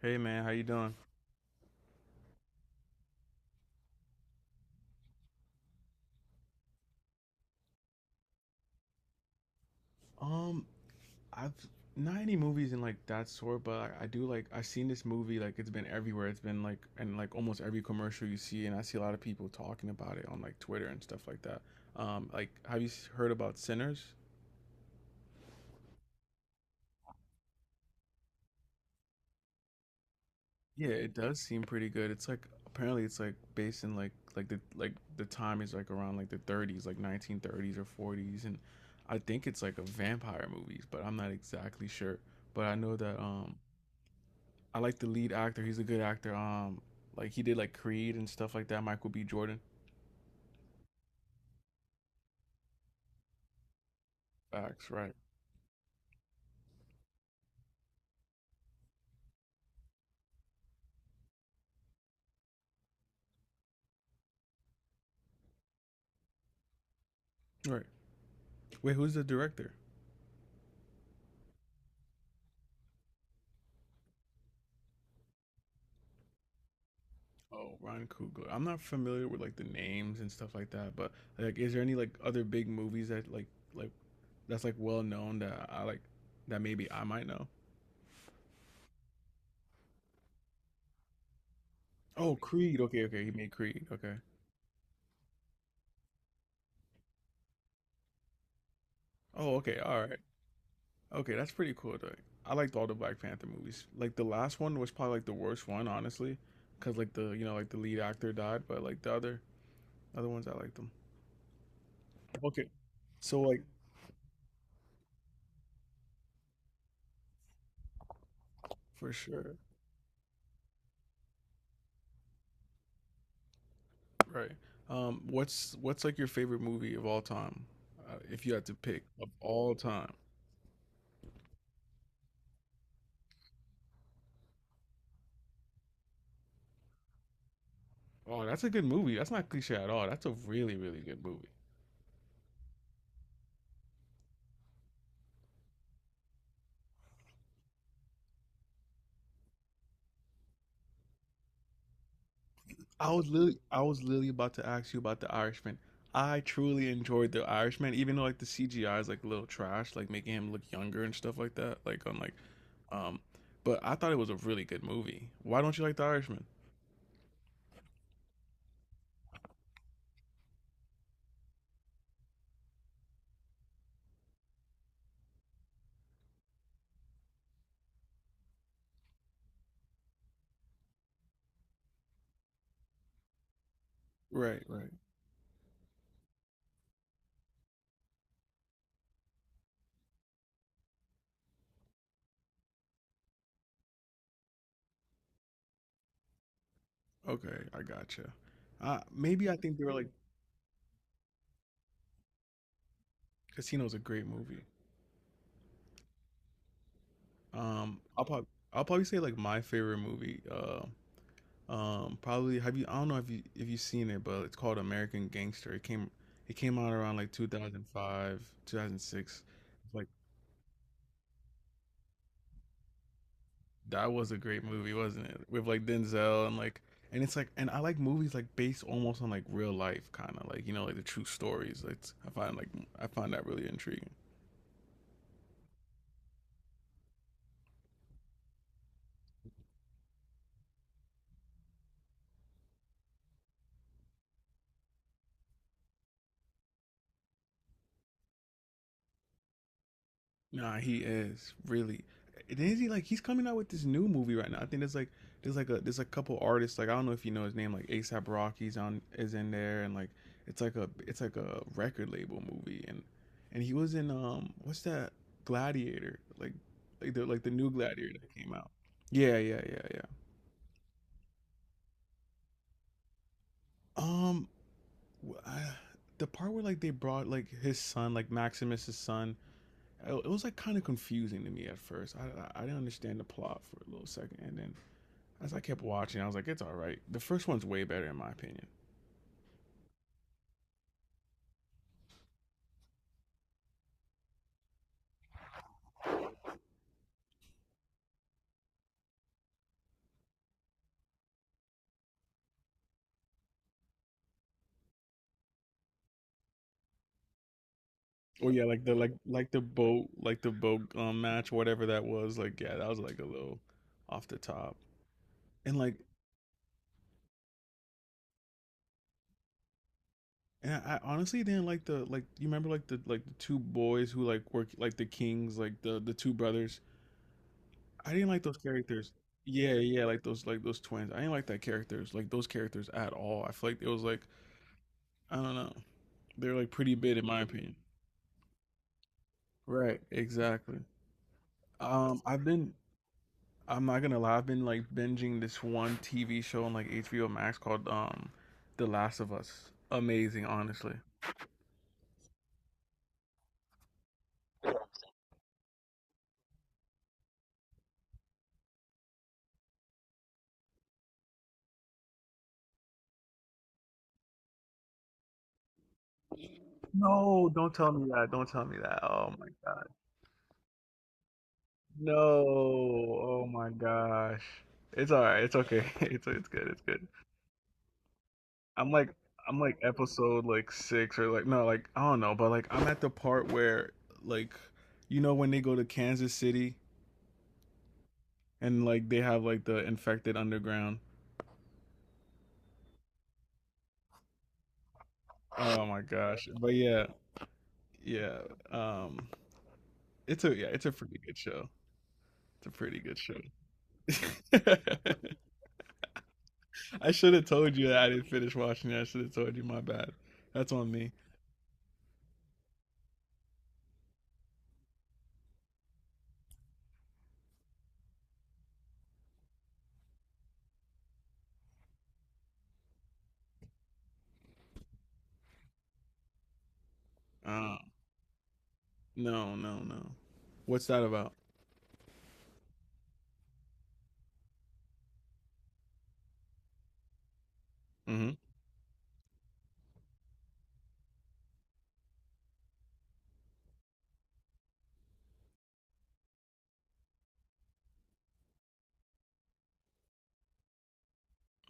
Hey man, how you doing? Um, I've not any movies in like that sort, but I do like I've seen this movie like it's been everywhere. It's been like in like almost every commercial you see, and I see a lot of people talking about it on like Twitter and stuff like that. Like have you heard about Sinners? Yeah, it does seem pretty good. It's like apparently it's like based in like the time is like around like the 30s, like 1930s or 40s, and I think it's like a vampire movies, but I'm not exactly sure. But I know that I like the lead actor. He's a good actor. Like he did like Creed and stuff like that. Michael B. Jordan. Facts, right? Right. Wait, who's the director? Oh, Ryan Coogler. I'm not familiar with like the names and stuff like that, but like, is there any like other big movies that like that's like well known that I like that maybe I might know? Oh, Creed. Okay, okay, he made Creed. Okay. Oh, okay, all right. Okay, that's pretty cool though. I liked all the Black Panther movies. Like the last one was probably like the worst one, honestly, because like the you know like the lead actor died, but like the other ones I like them. Okay. So like for sure. Right. What's like your favorite movie of all time? If you had to pick of all time. Oh, that's a good movie. That's not cliche at all. That's a really good movie. I was literally about to ask you about The Irishman. I truly enjoyed The Irishman even though like the CGI is like a little trash, like making him look younger and stuff like that, like on like um but I thought it was a really good movie. Why don't you like The Irishman? Right, right. Okay, I gotcha. Maybe I think they were like Casino's a great movie. Um, I'll probably I'll probably say like my favorite movie. Probably have you? I don't know if you if you've seen it, but it's called American Gangster. It came out around like 2005, 2006. Like that was a great movie, wasn't it? With like Denzel and like and it's like and I like movies like based almost on like real life, kind of like you know like the true stories. It's I find like I find that really intriguing. Nah, he is really. And is he like he's coming out with this new movie right now? I think there's like a there's a couple artists like I don't know if you know his name like ASAP Rocky's on is in there and like it's like a record label movie and he was in what's that Gladiator like the new Gladiator that came out. Yeah, yeah, yeah, yeah. Um, wh- I, the part where like they brought like his son like Maximus's son it it was like kind of confusing to me at first. I didn't understand the plot for a little second, and then as I kept watching, I was like, it's all right. The first one's way better in my opinion. Oh yeah, like the boat like the boat match whatever that was. Like yeah, that was like a little off the top. And like and I, honestly didn't like the like you remember like the two boys who like were like the kings like the two brothers. I didn't like those characters. Yeah, yeah, like those twins. I didn't like that characters like those characters at all. I feel like it was like I don't know. They're like pretty big in my opinion. Right. Exactly. Um, I've been I'm not gonna lie. I've been like binging this one TV show on like HBO Max called The Last of Us. Amazing, honestly. No, don't tell me that. Don't tell me that. Oh my god. No. Oh my gosh. It's all right. It's okay. It's good. It's good. I'm like I'm like episode like 6 or like no, like I don't know, but like I'm at the part where like you know when they go to Kansas City and like they have like the infected underground. Oh my gosh. But yeah, yeah. Um it's a yeah, it's a pretty good show. It's a pretty good show. I should have told you that I didn't finish watching it. I should have told you my bad. That's on me. Uh, no, no, no. What's that about? Hmm.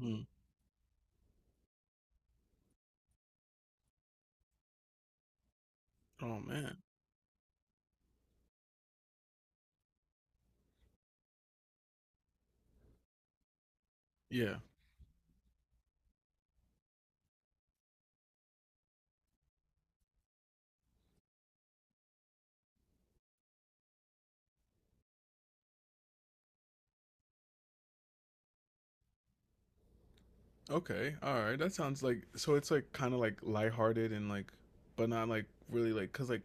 Hmm. Oh man. Yeah. Okay. All right. That sounds like so it's like kind of like lighthearted and like but not like really like cuz like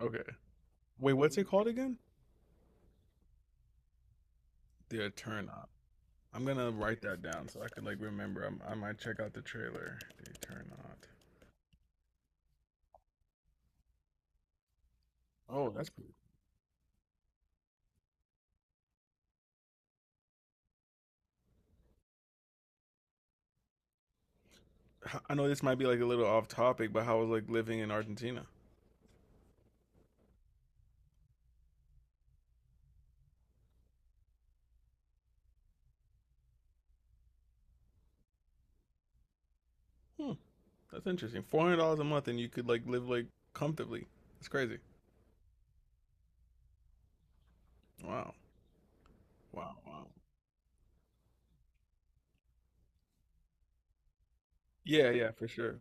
okay. Wait, what's it called again? The Turn Up. I'm gonna write that down so I can like remember. I might check out the trailer. The Turn Up. Oh, that's. Pretty. I know this might be like a little off topic, but how was like living in Argentina? Hmm, that's interesting. $400 a month, and you could like live like comfortably. That's crazy. Wow, wow, wow. Yeah, yeah, for sure.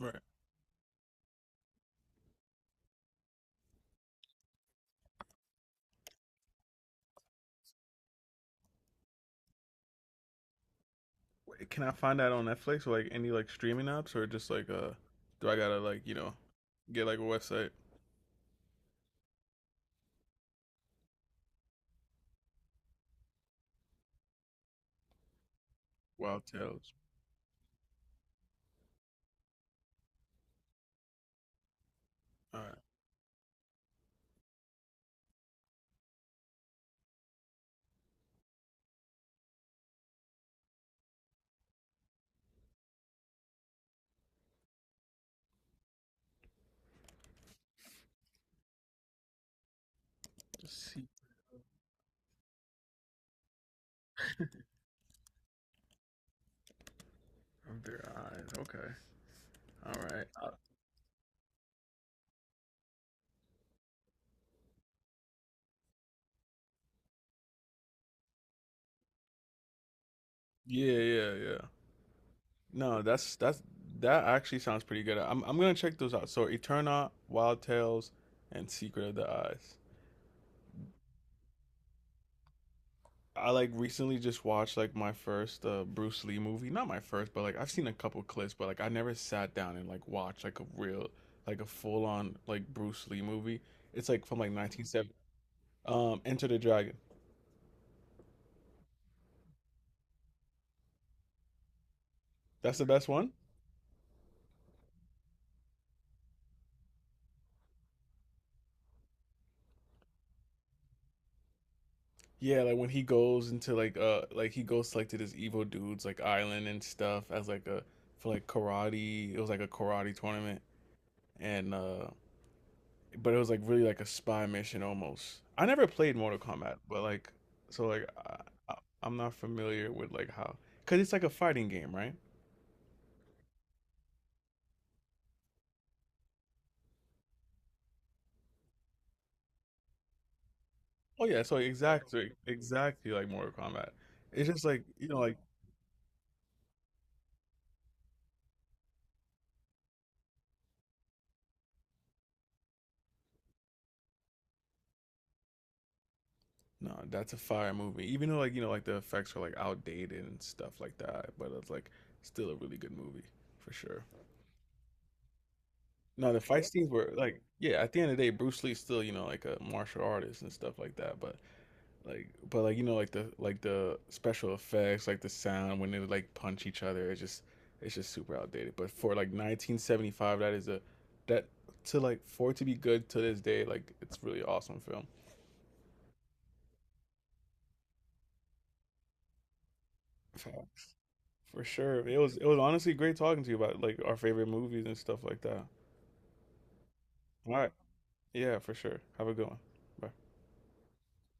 Right. Wait, can I find that on Netflix or like any like streaming apps, or just like do I gotta like you know get like a website? Wild Tales. All right. Seek of their eyes. Okay. All right. Yeah, yeah, yeah. No, that's that actually sounds pretty good. I'm gonna check those out. So Eterna, Wild Tales, and Secret of the Eyes. I like recently just watched like my first Bruce Lee movie. Not my first, but like I've seen a couple clips, but like I never sat down and like watched like a real like a full on like Bruce Lee movie. It's like from like 1970. Enter the Dragon. That's the best one. Yeah, like when he goes into like he goes to like to this evil dude's like island and stuff as like a for like karate. It was like a karate tournament and but it was like really like a spy mission almost. I never played Mortal Kombat, but like so like I I'm not familiar with like how because it's like a fighting game, right? Oh yeah, so exactly exactly like Mortal Kombat. It's just like you know like no, that's a fire movie. Even though like you know like the effects are like outdated and stuff like that, but it's like still a really good movie for sure. No, the fight scenes were like yeah. At the end of the day, Bruce Lee's still you know like a martial artist and stuff like that. But like you know like the special effects, like the sound when they like punch each other, it's just super outdated. But for like 1975, that is a that to like for it to be good to this day, like it's really awesome film. For sure. It was honestly great talking to you about like our favorite movies and stuff like that. All right. Yeah, for sure. Have a good one. Bye.